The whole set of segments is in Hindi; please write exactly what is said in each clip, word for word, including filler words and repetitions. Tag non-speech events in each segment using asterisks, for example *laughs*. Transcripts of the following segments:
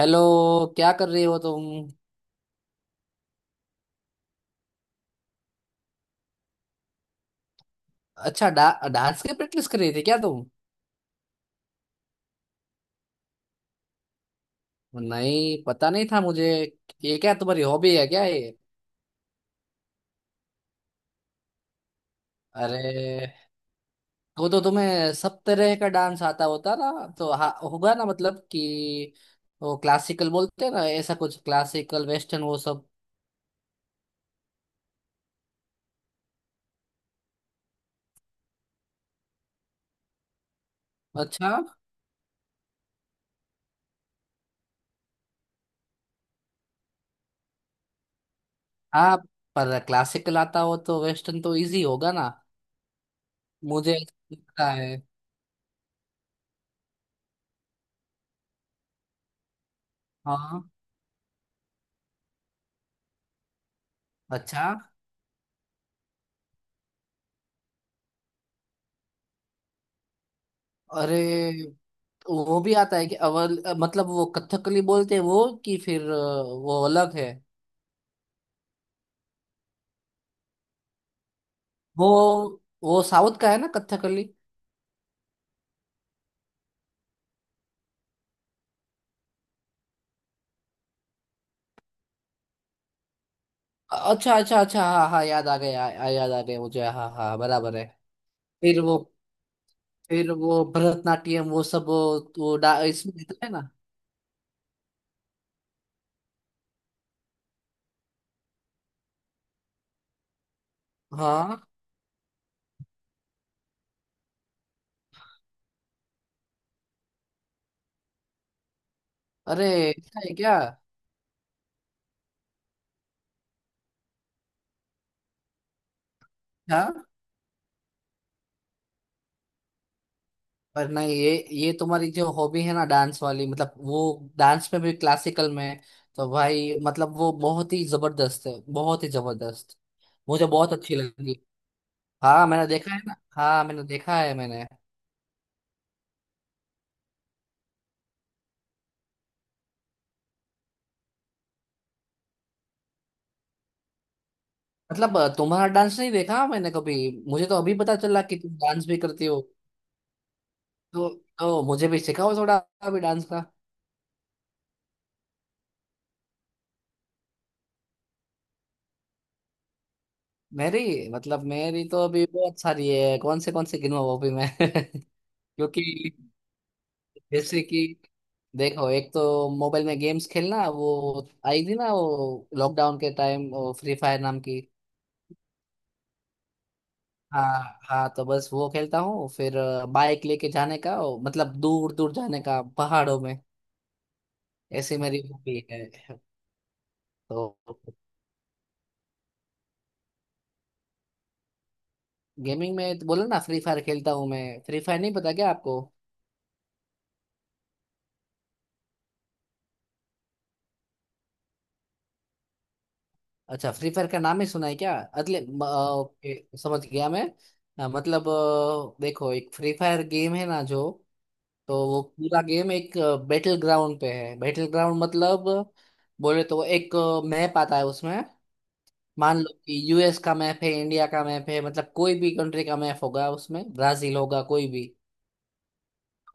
हेलो। क्या कर रहे हो तुम? अच्छा डा, डांस की प्रैक्टिस कर रही थी क्या तुम? नहीं, पता नहीं था मुझे। ये क्या तुम्हारी हॉबी है क्या ये? अरे, तो तो तुम्हें सब तरह का डांस आता होता ना। तो हा- होगा ना, मतलब कि वो क्लासिकल बोलते हैं ना, ऐसा कुछ क्लासिकल, वेस्टर्न, वो सब। अच्छा। हाँ, पर क्लासिकल आता हो तो वेस्टर्न तो इजी होगा ना। मुझे लगता है। हाँ। अच्छा। अरे, वो भी आता है कि अवल, मतलब वो कथकली बोलते हैं वो, कि फिर अ, वो अलग है। वो वो साउथ का है ना, कथकली? अच्छा अच्छा अच्छा, हाँ हाँ, याद आ गया, आ, याद आ गया मुझे, हाँ हाँ, बराबर है। फिर वो फिर वो भरतनाट्यम, वो सब, वो, वो डा- इसमें रहता है ना। हाँ। अरे, ऐसा है क्या? हाँ। पर नहीं, ये ये तुम्हारी जो हॉबी है ना, डांस वाली, मतलब वो डांस में भी क्लासिकल में, तो भाई मतलब वो बहुत ही जबरदस्त है, बहुत ही जबरदस्त। मुझे बहुत अच्छी लगी। हाँ, मैंने देखा है ना, हाँ मैंने देखा है मैंने। मतलब तुम्हारा डांस नहीं देखा मैंने कभी। मुझे तो अभी पता चला कि तुम डांस भी करती हो। तो तो मुझे भी सिखाओ थोड़ा, अभी, डांस का। मेरी मतलब मेरी तो अभी बहुत सारी है, कौन से कौन से गिनूं अभी मैं। *laughs* क्योंकि, जैसे कि, देखो, एक तो मोबाइल में गेम्स खेलना, वो आई थी ना वो लॉकडाउन के टाइम, वो फ्री फायर नाम की। हाँ हाँ, तो बस वो खेलता हूँ। फिर अ, बाइक लेके जाने का वो, मतलब दूर दूर जाने का पहाड़ों में। ऐसी मेरी हॉबी है। तो गेमिंग में तो बोला ना, फ्री फायर खेलता हूँ मैं। फ्री फायर नहीं पता क्या आपको? अच्छा, फ्री फायर का नाम ही सुना है क्या? अगले म- अ, ओके, समझ गया मैं। अ, मतलब अ, देखो, एक फ्री फायर गेम है ना जो, तो वो पूरा गेम एक बैटल ग्राउंड पे है। बैटल ग्राउंड मतलब बोले तो, एक मैप आता है उसमें। मान लो कि यूएस का मैप है, इंडिया का मैप है, मतलब कोई भी कंट्री का मैप होगा उसमें, ब्राजील होगा, कोई भी।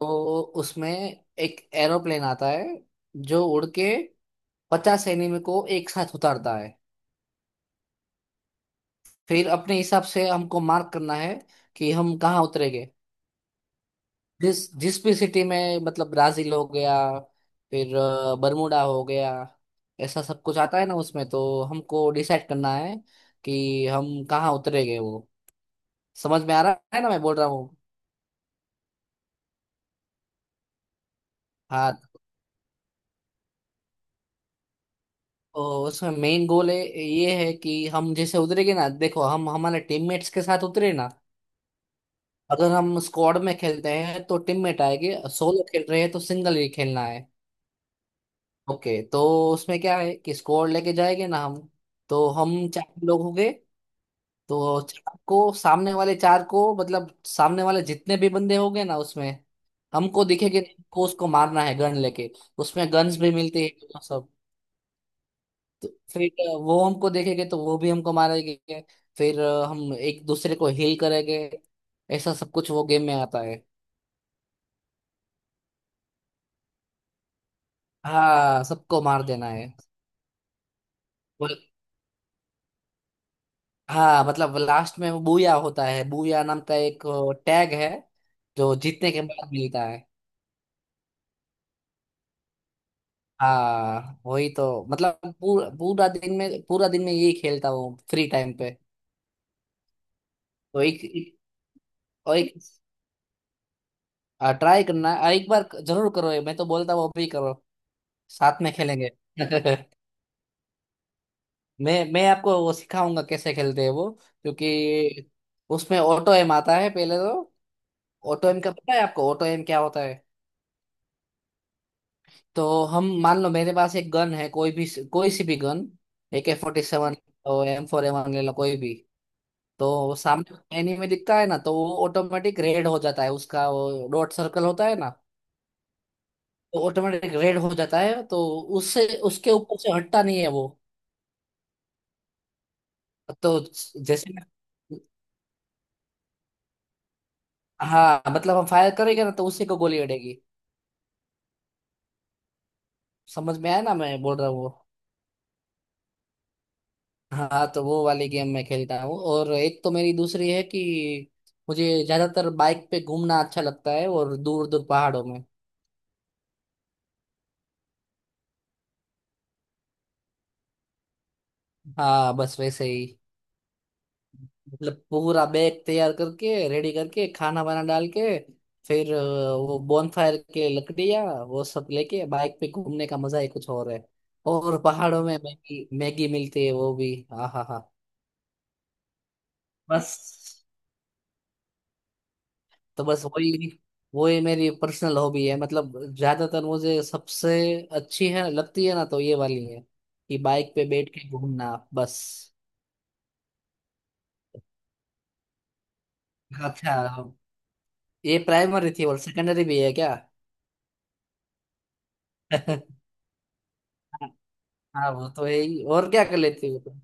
तो उसमें एक एरोप्लेन आता है जो उड़ के पचास एनिमी को एक साथ उतारता है। फिर अपने हिसाब से हमको मार्क करना है कि हम कहाँ उतरेंगे। जिस जिस भी सिटी में, मतलब ब्राजील हो गया, फिर अ, बरमूडा हो गया, ऐसा सब कुछ आता है ना उसमें। तो हमको डिसाइड करना है कि हम कहाँ उतरेंगे वो। समझ में आ रहा है ना मैं बोल रहा हूँ। हाँ, तो उसमें मेन गोल है ये है कि हम जैसे उतरेंगे ना, देखो, हम हमारे टीममेट्स के साथ उतरे ना, अगर हम स्क्वाड में खेलते हैं तो टीममेट आएंगे, सोलो खेल रहे हैं तो सिंगल ही खेलना है। ओके, तो उसमें क्या है कि स्क्वाड लेके जाएंगे ना हम, तो हम चार लोग होंगे। तो चार को सामने वाले, चार को मतलब सामने वाले जितने भी बंदे होंगे ना उसमें, हमको दिखेंगे नहीं, हमको उसको मारना है, गन लेके। उसमें गन्स भी मिलती है तो, सब। तो फिर अ, वो हमको देखेंगे तो वो भी हमको मारेंगे। फिर अ, हम एक दूसरे को हील करेंगे। ऐसा सब कुछ वो गेम में आता है। हाँ, सबको मार देना है। वो- हाँ, मतलब लास्ट में वो बूया होता है, बूया नाम का एक टैग है जो जीतने के बाद मिलता है। हाँ, वही तो, मतलब पूरा पूरा दिन में, पूरा दिन में यही खेलता हूँ फ्री टाइम पे। तो एक, एक और एक, ट्राई करना, आ, एक बार जरूर करो ये, मैं तो बोलता हूँ, अभी करो, साथ में खेलेंगे। *laughs* मैं मैं आपको वो सिखाऊंगा कैसे खेलते हैं वो। क्योंकि उसमें ऑटो एम आता है पहले तो। ऑटो एम का पता है आपको, ऑटो एम क्या होता है? तो हम, मान लो मेरे पास एक गन है, कोई भी, कोई सी भी gun, A K forty seven, M four, M ले लो कोई भी। तो वो सामने एनीमे दिखता है ना, तो वो ऑटोमेटिक रेड हो जाता है, उसका वो डॉट सर्कल होता है ना, तो ऑटोमेटिक रेड हो जाता है। तो उससे उसके ऊपर से हटता नहीं है वो। तो जैसे हाँ, मतलब हम फायर करेंगे ना तो उसी को गोली अड़ेगी। समझ में आया ना मैं बोल रहा हूँ वो? हाँ, तो वो वाली गेम मैं खेलता हूँ। और एक तो मेरी दूसरी है कि मुझे ज्यादातर बाइक पे घूमना अच्छा लगता है, और दूर दूर पहाड़ों में। हाँ, बस वैसे ही, मतलब पूरा बैग तैयार करके, रेडी करके, खाना वाना डाल के, फिर अ, वो बॉनफायर के लकड़ियाँ वो सब लेके, बाइक पे घूमने का मजा ही कुछ और है। और पहाड़ों में मैगी मैगी मिलती है वो भी, हाँ हाँ हाँ। बस तो बस वही, वही मेरी पर्सनल हॉबी है। मतलब ज्यादातर मुझे सबसे अच्छी है, लगती है ना, तो ये वाली है कि बाइक पे बैठ के घूमना, बस। अच्छा, ये प्राइमरी थी और सेकेंडरी भी है क्या? *laughs* हाँ वो तो है ही, और क्या कर लेती हो तुम?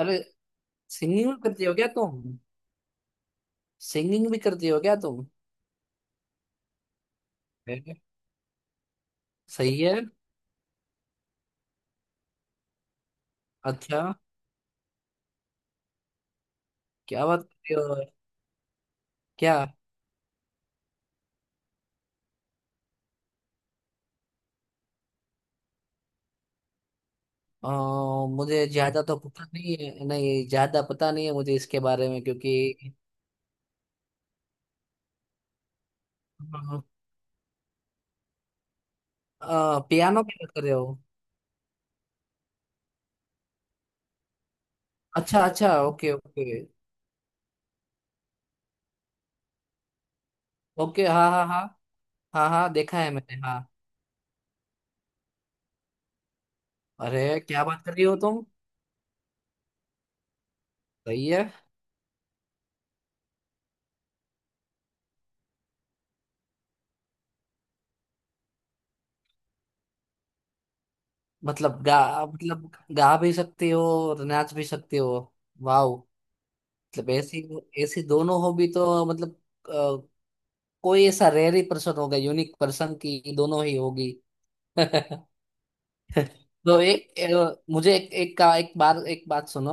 अरे, सिंगिंग भी करती हो क्या तुम? सिंगिंग भी करती हो क्या तुम? है। सही है। अच्छा। क्या बात कर रही हो? क्या? अ, मुझे ज्यादा तो पता नहीं है, नहीं ज्यादा पता नहीं है मुझे इसके बारे में, क्योंकि, आ, पियानो की बात कर रहे हो? अच्छा अच्छा, ओके ओके। ओके हाँ हाँ हाँ। हाँ हाँ, देखा है मैंने, हाँ। अरे क्या बात कर रही हो तुम। सही है। मतलब गा, मतलब गा भी सकती हो और नाच भी सकती हो? वाह, मतलब, ऐसी, ऐसी दोनों हॉबी तो मतलब, अ, कोई ऐसा रेयर ही पर्सन होगा, यूनिक पर्सन की दोनों ही होगी। *laughs* तो एक, अ, मुझे एक, एक का, एक बार, एक बात सुनो,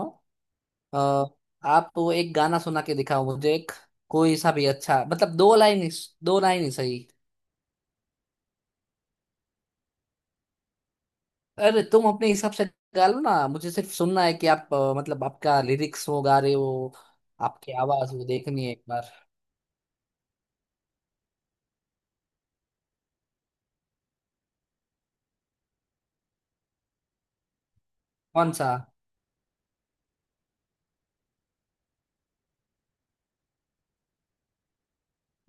अ, आप वो एक गाना सुना के दिखाओ मुझे, एक कोई सा भी अच्छा, मतलब दो लाइन ही, दो लाइन ही सही। अरे तुम अपने हिसाब से गा लो ना, मुझे सिर्फ सुनना है कि आप, अ, मतलब आपका लिरिक्स वो गा रहे हो, आपकी आवाज वो देखनी है एक बार। कौन सा?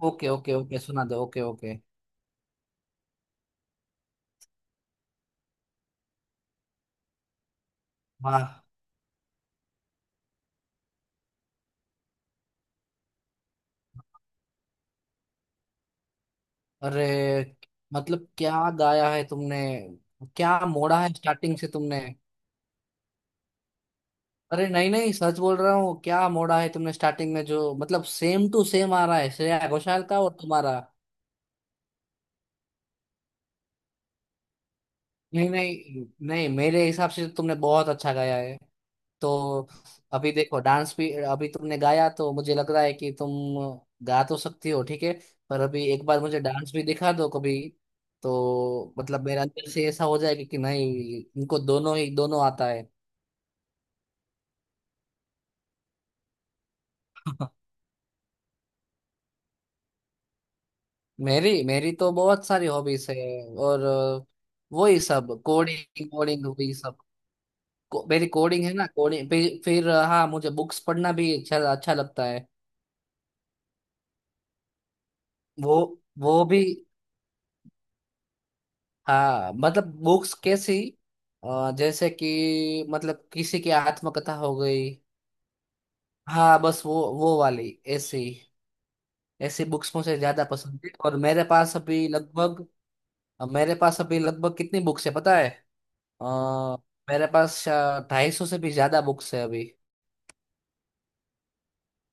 ओके ओके ओके, सुना दो, ओके ओके। वाह। अरे, मतलब क्या गाया है तुमने, क्या मोड़ा है स्टार्टिंग से तुमने। अरे नहीं नहीं, सच बोल रहा हूँ, क्या मोड़ा है तुमने स्टार्टिंग में, जो मतलब सेम टू सेम आ रहा है श्रेया घोषाल का और तुम्हारा। नहीं नहीं नहीं, मेरे हिसाब से तो तुमने बहुत अच्छा गाया है। तो अभी देखो, डांस भी, अभी तुमने गाया तो मुझे लग रहा है कि तुम गा तो सकती हो, ठीक है, पर अभी एक बार मुझे डांस भी दिखा दो कभी, तो मतलब मेरे अंदर से ऐसा हो जाएगा कि नहीं इनको दोनों ही, दोनों आता है। *laughs* मेरी मेरी तो बहुत सारी हॉबीज है। और अ, वही सब, कोडिंग, कोडिंग वही सब, को, मेरी कोडिंग है ना, कोडिंग, फिर, फिर अ, हाँ, मुझे बुक्स पढ़ना भी अच्छा अच्छा लगता है वो वो भी। हाँ, मतलब बुक्स कैसी, अ, जैसे कि मतलब किसी की आत्मकथा हो गई, हाँ बस वो वो वाली, ऐसी, ऐसी बुक्स मुझे ज्यादा पसंद है। और मेरे पास अभी लगभग मेरे पास अभी लगभग कितनी बुक्स है पता है? आ, मेरे पास ढाई सौ से भी ज्यादा बुक्स है अभी।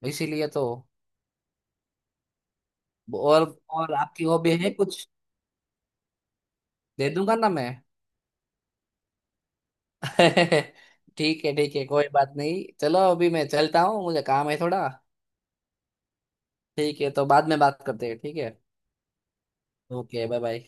इसीलिए तो। और और आपकी हॉबी है कुछ? दे दूंगा ना मैं। *laughs* ठीक है ठीक है, कोई बात नहीं, चलो अभी मैं चलता हूँ, मुझे काम है थोड़ा। ठीक है, तो बाद में बात करते हैं, ठीक है? Okay, bye bye.